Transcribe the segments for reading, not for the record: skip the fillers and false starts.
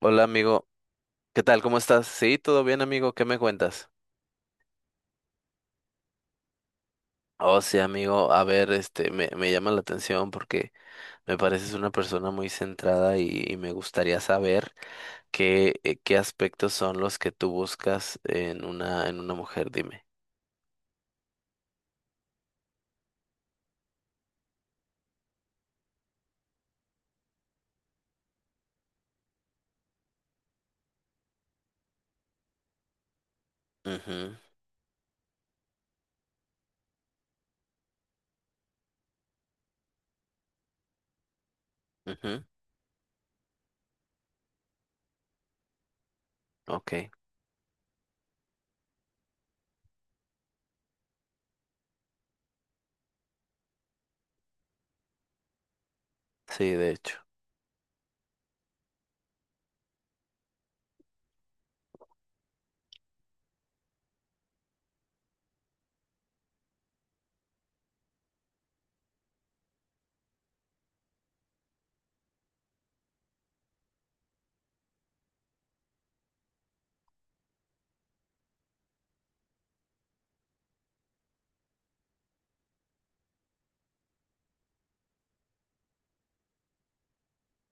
Hola amigo, ¿qué tal? ¿Cómo estás? Sí, todo bien amigo, ¿qué me cuentas? Oh, sí amigo, a ver, me llama la atención porque me pareces una persona muy centrada y me gustaría saber qué aspectos son los que tú buscas en una mujer, dime. Mhm. Mhm. Ok. Sí, de hecho.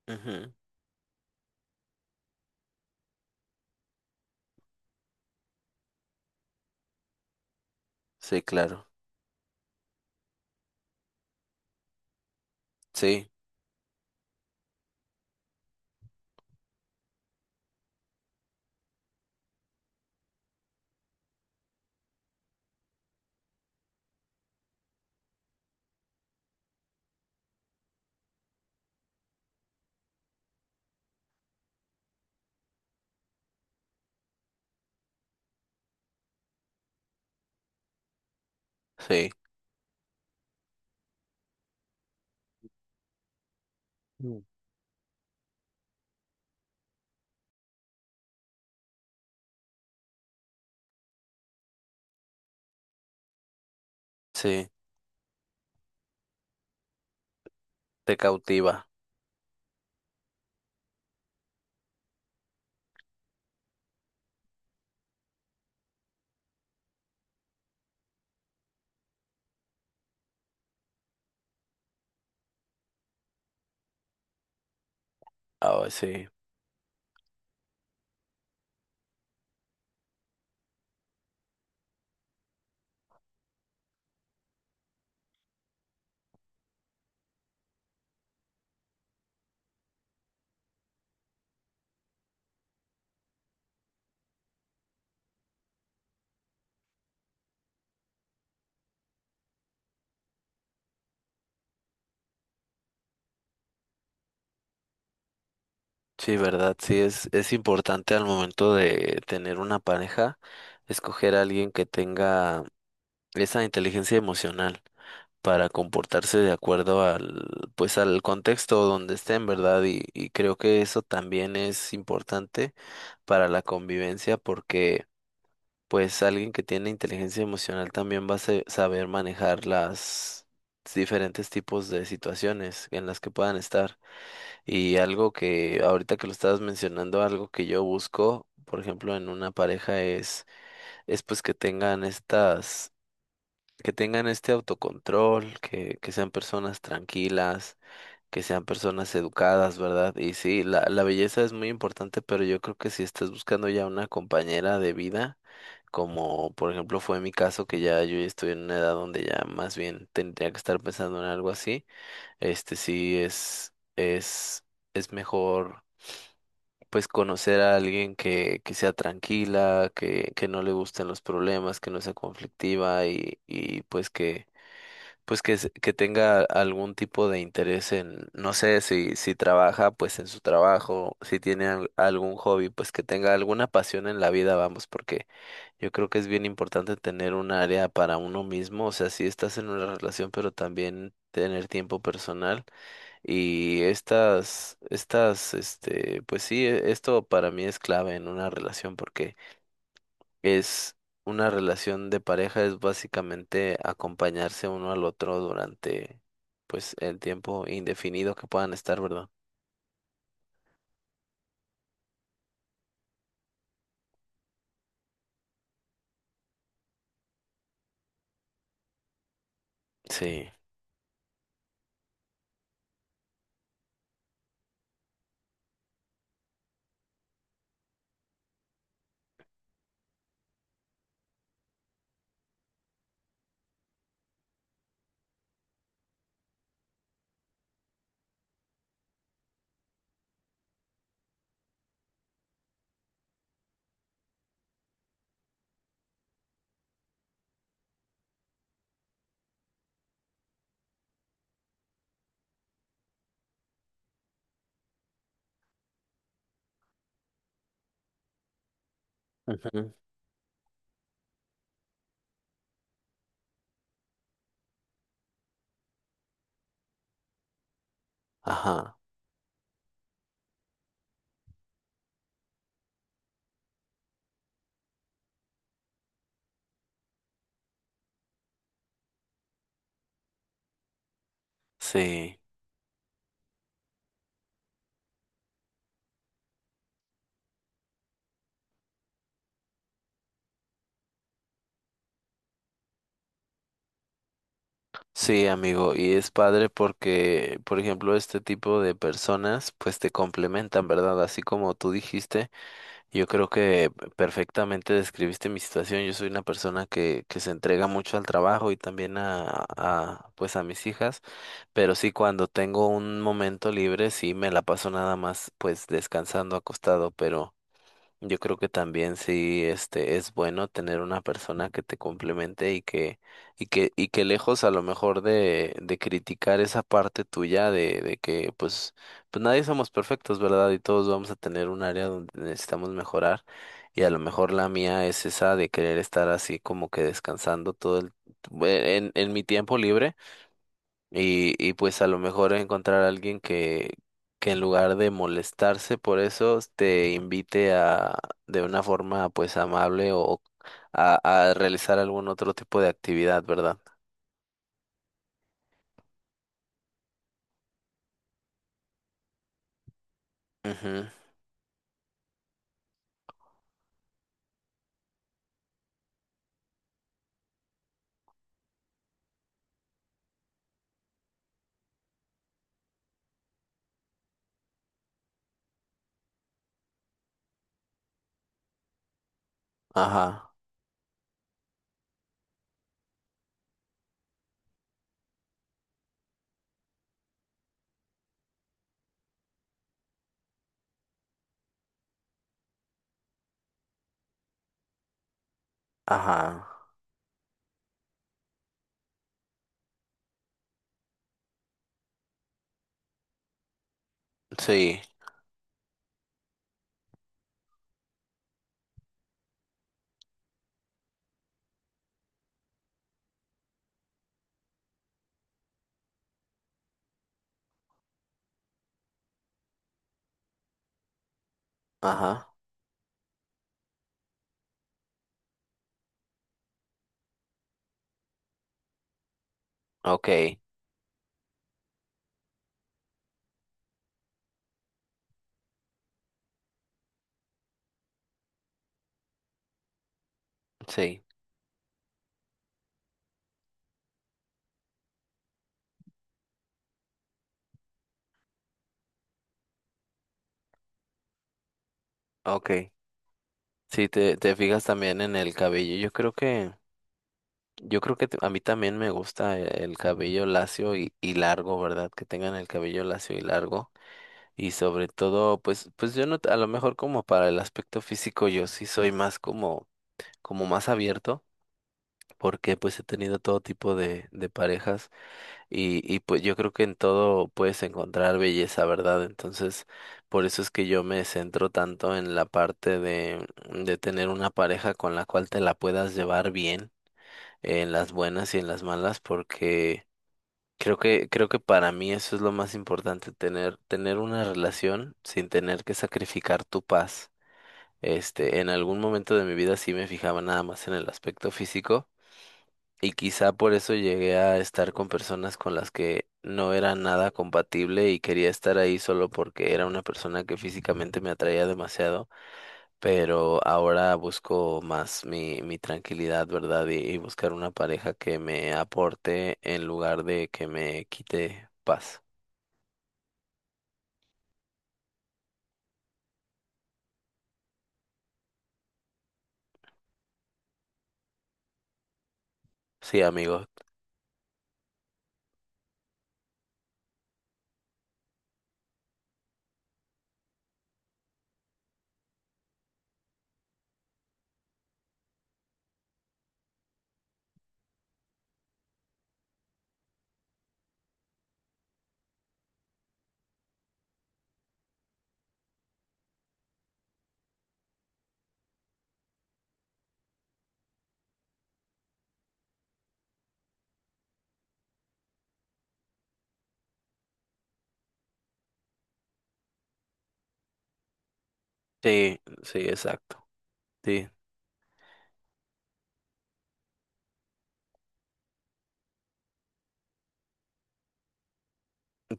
Mhm. Sí, claro. Sí, sí. Mm. Sí, te cautiva. Ah, sí. Sí, verdad, sí, es importante al momento de tener una pareja, escoger a alguien que tenga esa inteligencia emocional para comportarse de acuerdo pues al contexto donde estén, ¿verdad? Y creo que eso también es importante para la convivencia porque, pues, alguien que tiene inteligencia emocional también va a saber manejar las diferentes tipos de situaciones en las que puedan estar. Y algo que ahorita que lo estabas mencionando, algo que yo busco, por ejemplo, en una pareja es, es pues que tengan estas, que tengan este autocontrol, que sean personas tranquilas, que sean personas educadas, ¿verdad? Y sí, la belleza es muy importante, pero yo creo que si estás buscando ya una compañera de vida, como por ejemplo fue mi caso, que ya yo ya estoy en una edad donde ya más bien tendría que estar pensando en algo así, sí es mejor pues conocer a alguien que sea tranquila, que no le gusten los problemas, que no sea conflictiva y pues que tenga algún tipo de interés en, no sé, si trabaja, pues en su trabajo, si tiene algún hobby, pues que tenga alguna pasión en la vida, vamos, porque yo creo que es bien importante tener un área para uno mismo, o sea, si estás en una relación, pero también tener tiempo personal y pues sí, esto para mí es clave en una relación porque es una relación de pareja, es básicamente acompañarse uno al otro durante, pues, el tiempo indefinido que puedan estar, ¿verdad? Sí. Ujú. Ajá. Sí. Sí, amigo, y es padre porque, por ejemplo, este tipo de personas, pues te complementan, ¿verdad? Así como tú dijiste. Yo creo que perfectamente describiste mi situación. Yo soy una persona que se entrega mucho al trabajo y también pues a mis hijas, pero sí cuando tengo un momento libre, sí me la paso nada más pues descansando acostado, pero yo creo que también sí, es bueno tener una persona que te complemente y que, y que lejos a lo mejor de criticar esa parte tuya de que pues nadie somos perfectos, ¿verdad? Y todos vamos a tener un área donde necesitamos mejorar. Y a lo mejor la mía es esa de querer estar así como que descansando todo en mi tiempo libre y pues a lo mejor encontrar a alguien que, en lugar de molestarse por eso, te invite de una forma pues amable o a realizar algún otro tipo de actividad, ¿verdad? Ujú. Ajá, ajá. Sí. Ajá. Ok. Sí. Ok. Sí, te fijas también en el cabello. Yo creo que a mí también me gusta el cabello lacio y largo, ¿verdad? Que tengan el cabello lacio y largo. Y sobre todo, pues yo no, a lo mejor como para el aspecto físico, yo sí soy más como más abierto, porque pues he tenido todo tipo de parejas y pues yo creo que en todo puedes encontrar belleza, ¿verdad? Entonces, por eso es que yo me centro tanto en la parte de tener una pareja con la cual te la puedas llevar bien, en las buenas y en las malas, porque creo que para mí eso es lo más importante, tener una relación sin tener que sacrificar tu paz. En algún momento de mi vida sí me fijaba nada más en el aspecto físico y quizá por eso llegué a estar con personas con las que no era nada compatible y quería estar ahí solo porque era una persona que físicamente me atraía demasiado, pero ahora busco más mi tranquilidad, ¿verdad? Y buscar una pareja que me aporte en lugar de que me quite paz. Sí, amigo. Sí, sí, exacto. Sí,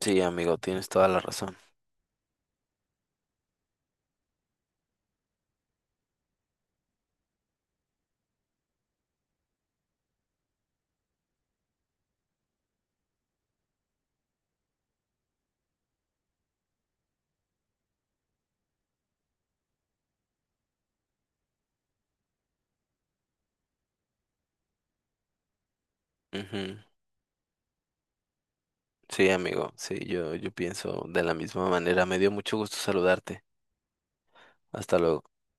sí, amigo, tienes toda la razón. Ujú. Sí, amigo, sí, yo pienso de la misma manera. Me dio mucho gusto saludarte. Hasta luego.